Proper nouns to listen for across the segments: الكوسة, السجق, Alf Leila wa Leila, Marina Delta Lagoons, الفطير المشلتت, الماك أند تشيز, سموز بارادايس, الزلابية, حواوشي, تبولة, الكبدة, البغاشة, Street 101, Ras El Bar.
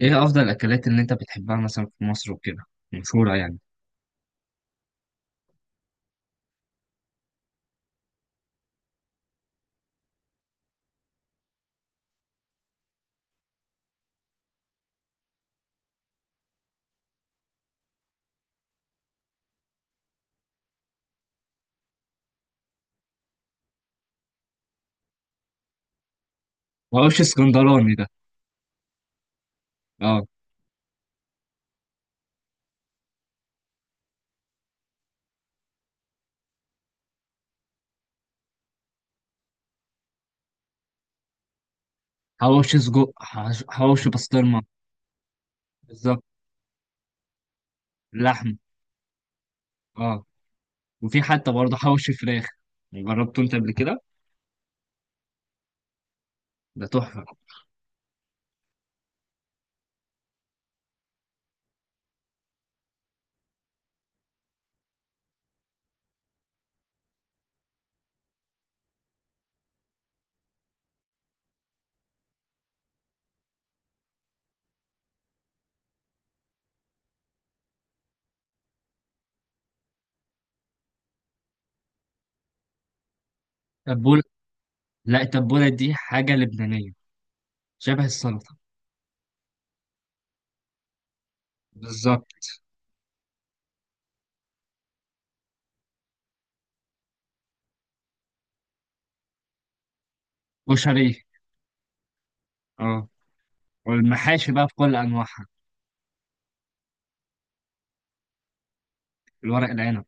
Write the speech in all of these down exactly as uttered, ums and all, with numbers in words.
ايه افضل الاكلات اللي انت بتحبها مثلا في مصر وكده مشهوره يعني؟ حواوشي اسكندراني ده؟ اه. حواوشي سجق، حش- حواوشي بسطرمه. بالظبط، لحم. اه. وفي حتى برضه حواوشي فراخ، جربته انت قبل كده؟ ده تحفه. تبوله؟ لا، التبوله دي حاجه لبنانيه، شبه السلطه. بالظبط. وشريه، اه. والمحاشي بقى بكل انواعها. الورق العنب.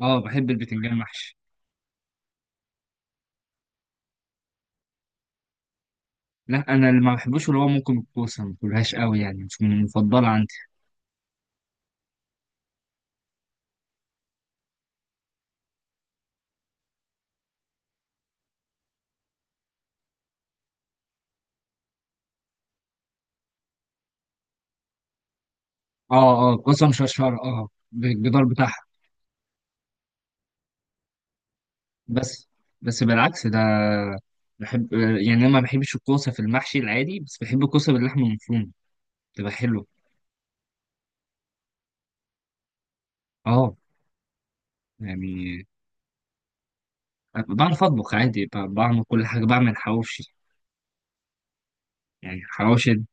اه بحب البتنجان محشي. لا انا اللي ما بحبوش اللي هو ممكن الكوسه، ما باكلهاش قوي، يعني مش من المفضله عندي. اه اه قسم شرشر، اه بالجدار بتاعها. بس، بس بالعكس ده، بحب يعني، انا ما بحبش الكوسه في المحشي العادي، بس بحب الكوسه باللحمه المفرومه، بتبقى حلوه. اه يعني بعرف اطبخ عادي، ب- بعمل كل حاجه، بعمل حواوشي. يعني حواوشي.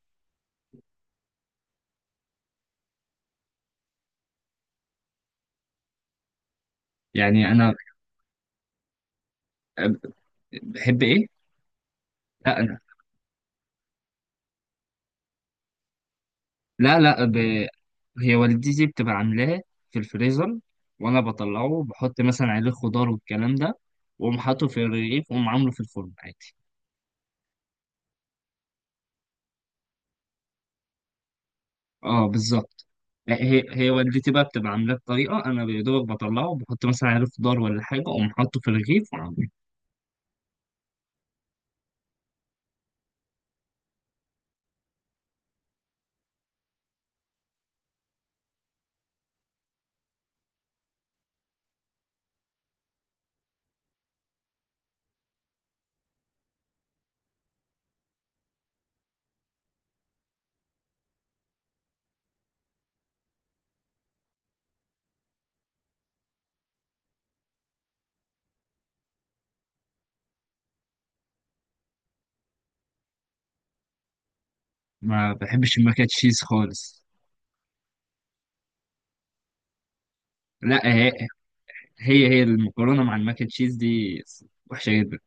يعني انا بحب ايه. لا انا، لا لا، ب... هي والدتي بتبقى عاملاه في الفريزر، وانا بطلعه بحط مثلا عليه خضار والكلام ده، واقوم حاطه في الرغيف واقوم عامله في الفرن عادي. اه بالظبط. هي هي والدتي بقى بتبقى عاملاه بطريقه، انا يا دوبك بطلعه بحط مثلا عليه خضار ولا حاجه، اقوم حاطه في الرغيف وعامله. ما بحبش الماك أند تشيز خالص. لا هي، هي هي المكرونه مع الماك أند تشيز دي وحشه جدا.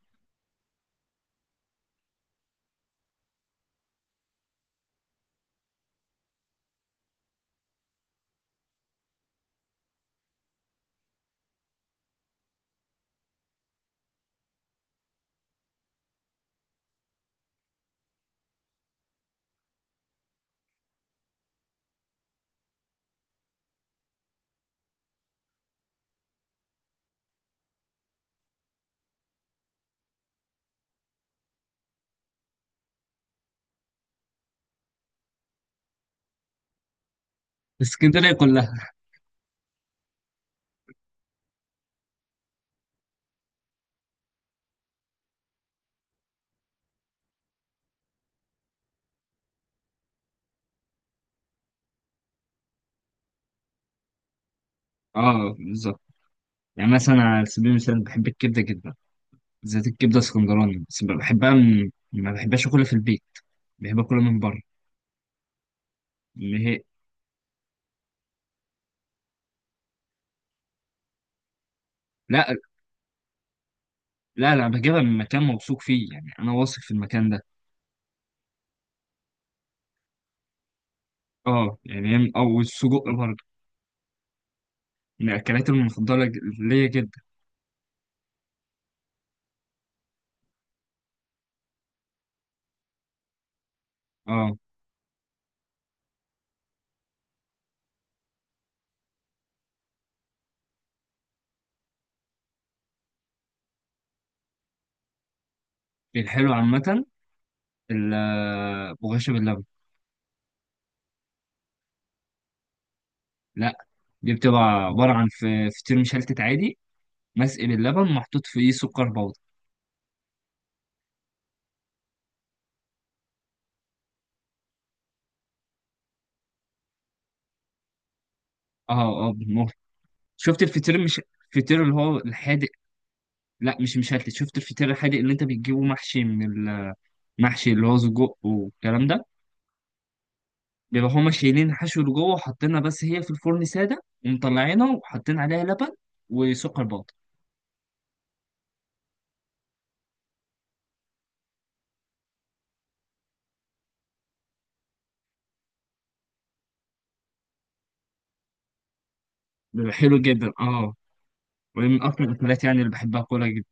في اسكندريه كلها. اه بالظبط. يعني مثلا على سبيل المثال، بحب الكبده جدا، بالذات الكبده اسكندراني، بس بحبها من، ما بحبهاش اكلها في البيت، بحب اكلها من بره. اللي هي. لا، لا لا بجيبها من مكان موثوق فيه، يعني انا واثق في المكان ده. اه يعني هي او السجق برضه من الاكلات المفضله ج- ليا جدا. اه. الحلو عامه. البغاشة باللبن. لا، دي بتبقى عباره عن ف- فطير مشلتت عادي، مسقي باللبن، محطوط فيه سكر بودر. اه اه بالمهر. شفت الفطير مش، الفطير اللي هو الحادق. لا مش مشلتت. شفت الفطير الحادق اللي انت بتجيبه محشي من، المحشي اللي هو سجق والكلام ده، بيبقى هما شايلين الحشو اللي جوه وحاطينها، بس هي في الفرن ساده ومطلعينها وحاطين عليها لبن وسكر بودر. بيبقى حلو جدا اه. ومن اكتر الاكلات يعني اللي بحبها كولا جدا.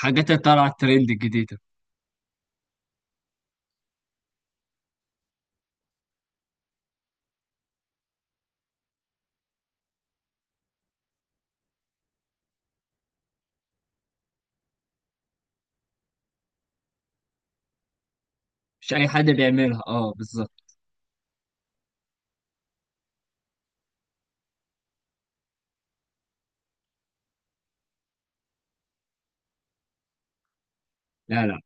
حاجات اللي طالعه ترند جديده. مش اي حد بيعملها اه بالظبط. لا، لا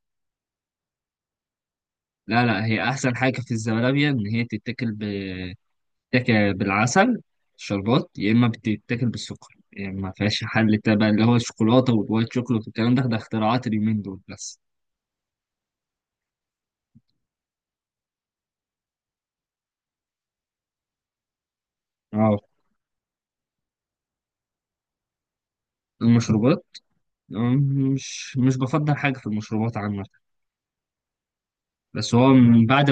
لا لا هي احسن حاجه في الزلابيه ان هي تتاكل ب... تتاكل بالعسل شربات، يا اما بتتاكل بالسكر. يعني ما فيهاش حل تبع اللي هو الشوكولاته والوايت شوكولات والكلام ده، ده اختراعات اليومين دول بس. اه. المشروبات. أم، مش، مش بفضل حاجه في المشروبات عامه. بس هو من بعد،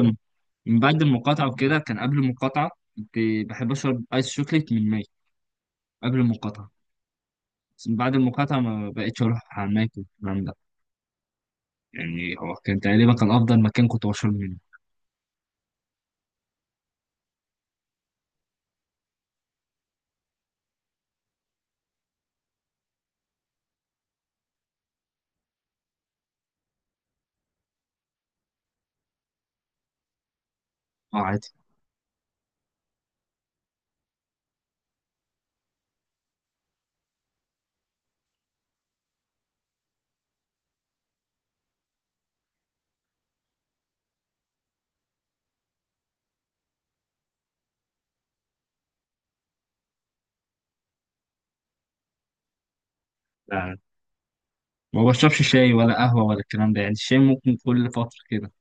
من بعد المقاطعة وكده، كان قبل المقاطعة كنت بحب أشرب آيس شوكليت من ماي قبل المقاطعة. بس من بعد المقاطعة ما بقتش أروح على ماي والكلام ده. يعني هو كان تقريبا كان أفضل مكان كنت بشرب منه. أه عادي. لا، ما بشربش شاي ولا قهوة ولا الكلام ده، يعني الشاي ممكن كل فترة كده.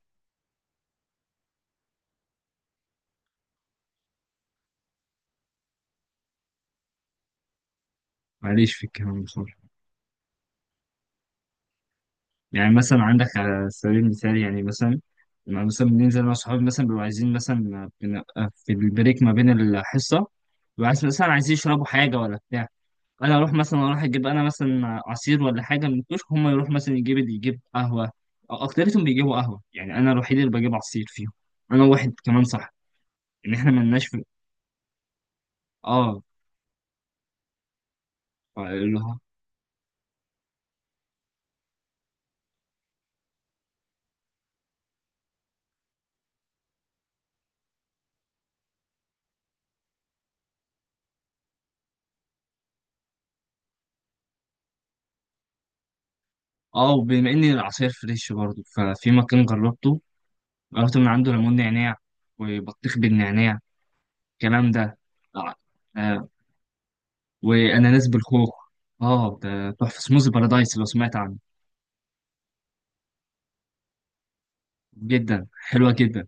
ماليش في الكلام ده خالص. يعني مثلا عندك على سبيل المثال، يعني مثلا لما مثلا بننزل أنا وصحابي، مثلا بنبقى عايزين، مثلا بنبقى في البريك ما بين الحصة، بيبقوا عايز-، مثلا عايزين يشربوا حاجة ولا بتاع. انا اروح مثلا، اروح اجيب انا مثلا عصير ولا حاجه من الكشك، هم يروح مثلا يجيب اللي يجيب قهوه، أو اكتريتهم بيجيبوا قهوه. يعني انا الوحيد اللي بجيب عصير فيهم. انا واحد كمان صح، ان احنا ملناش في، اه اللي هو، اه. وبما ان العصير فريش برضه، ففي مكان جربته، جربت من عنده ليمون نعناع وبطيخ بالنعناع، الكلام ده. آه. آه. واناناس بالخوخ. اه ده تحفه، سموز بارادايس لو سمعت عنه. جدا حلوه جدا.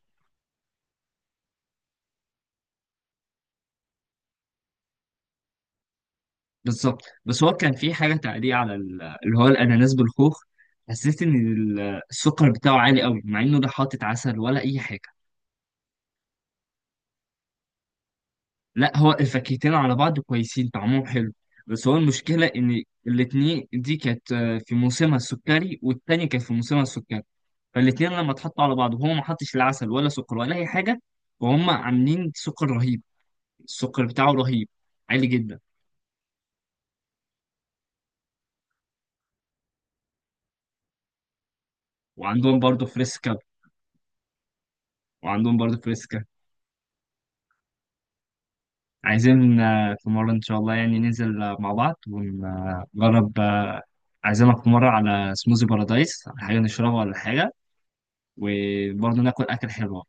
بالظبط. بس هو كان في حاجه تعليق على ال- اللي هو الاناناس بالخوخ، حسيت ان ال- السكر بتاعه عالي قوي، مع انه ده حاطط عسل ولا اي حاجه. لا هو الفاكهتين على بعض كويسين، طعمهم حلو، بس هو المشكله ان الاتنين دي كانت آه، في موسمها السكري، والتانية كانت في موسمها السكري، فالاتنين لما اتحطوا على بعض، وهو ما حطش لا عسل ولا سكر ولا اي حاجه، وهم عاملين سكر رهيب. السكر بتاعه رهيب، عالي جدا. وعندهم برضه فريسكا. وعندهم برضه فريسكا. عايزين آه، في مرة إن شاء الله، يعني ننزل آه، مع بعض ونجرب آه، عايزينك في مرة على سموزي بارادايس، حاجة نشربها ولا حاجة، وبرضه ناكل أكل حلو. إن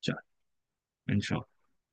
شاء إن شاء الله.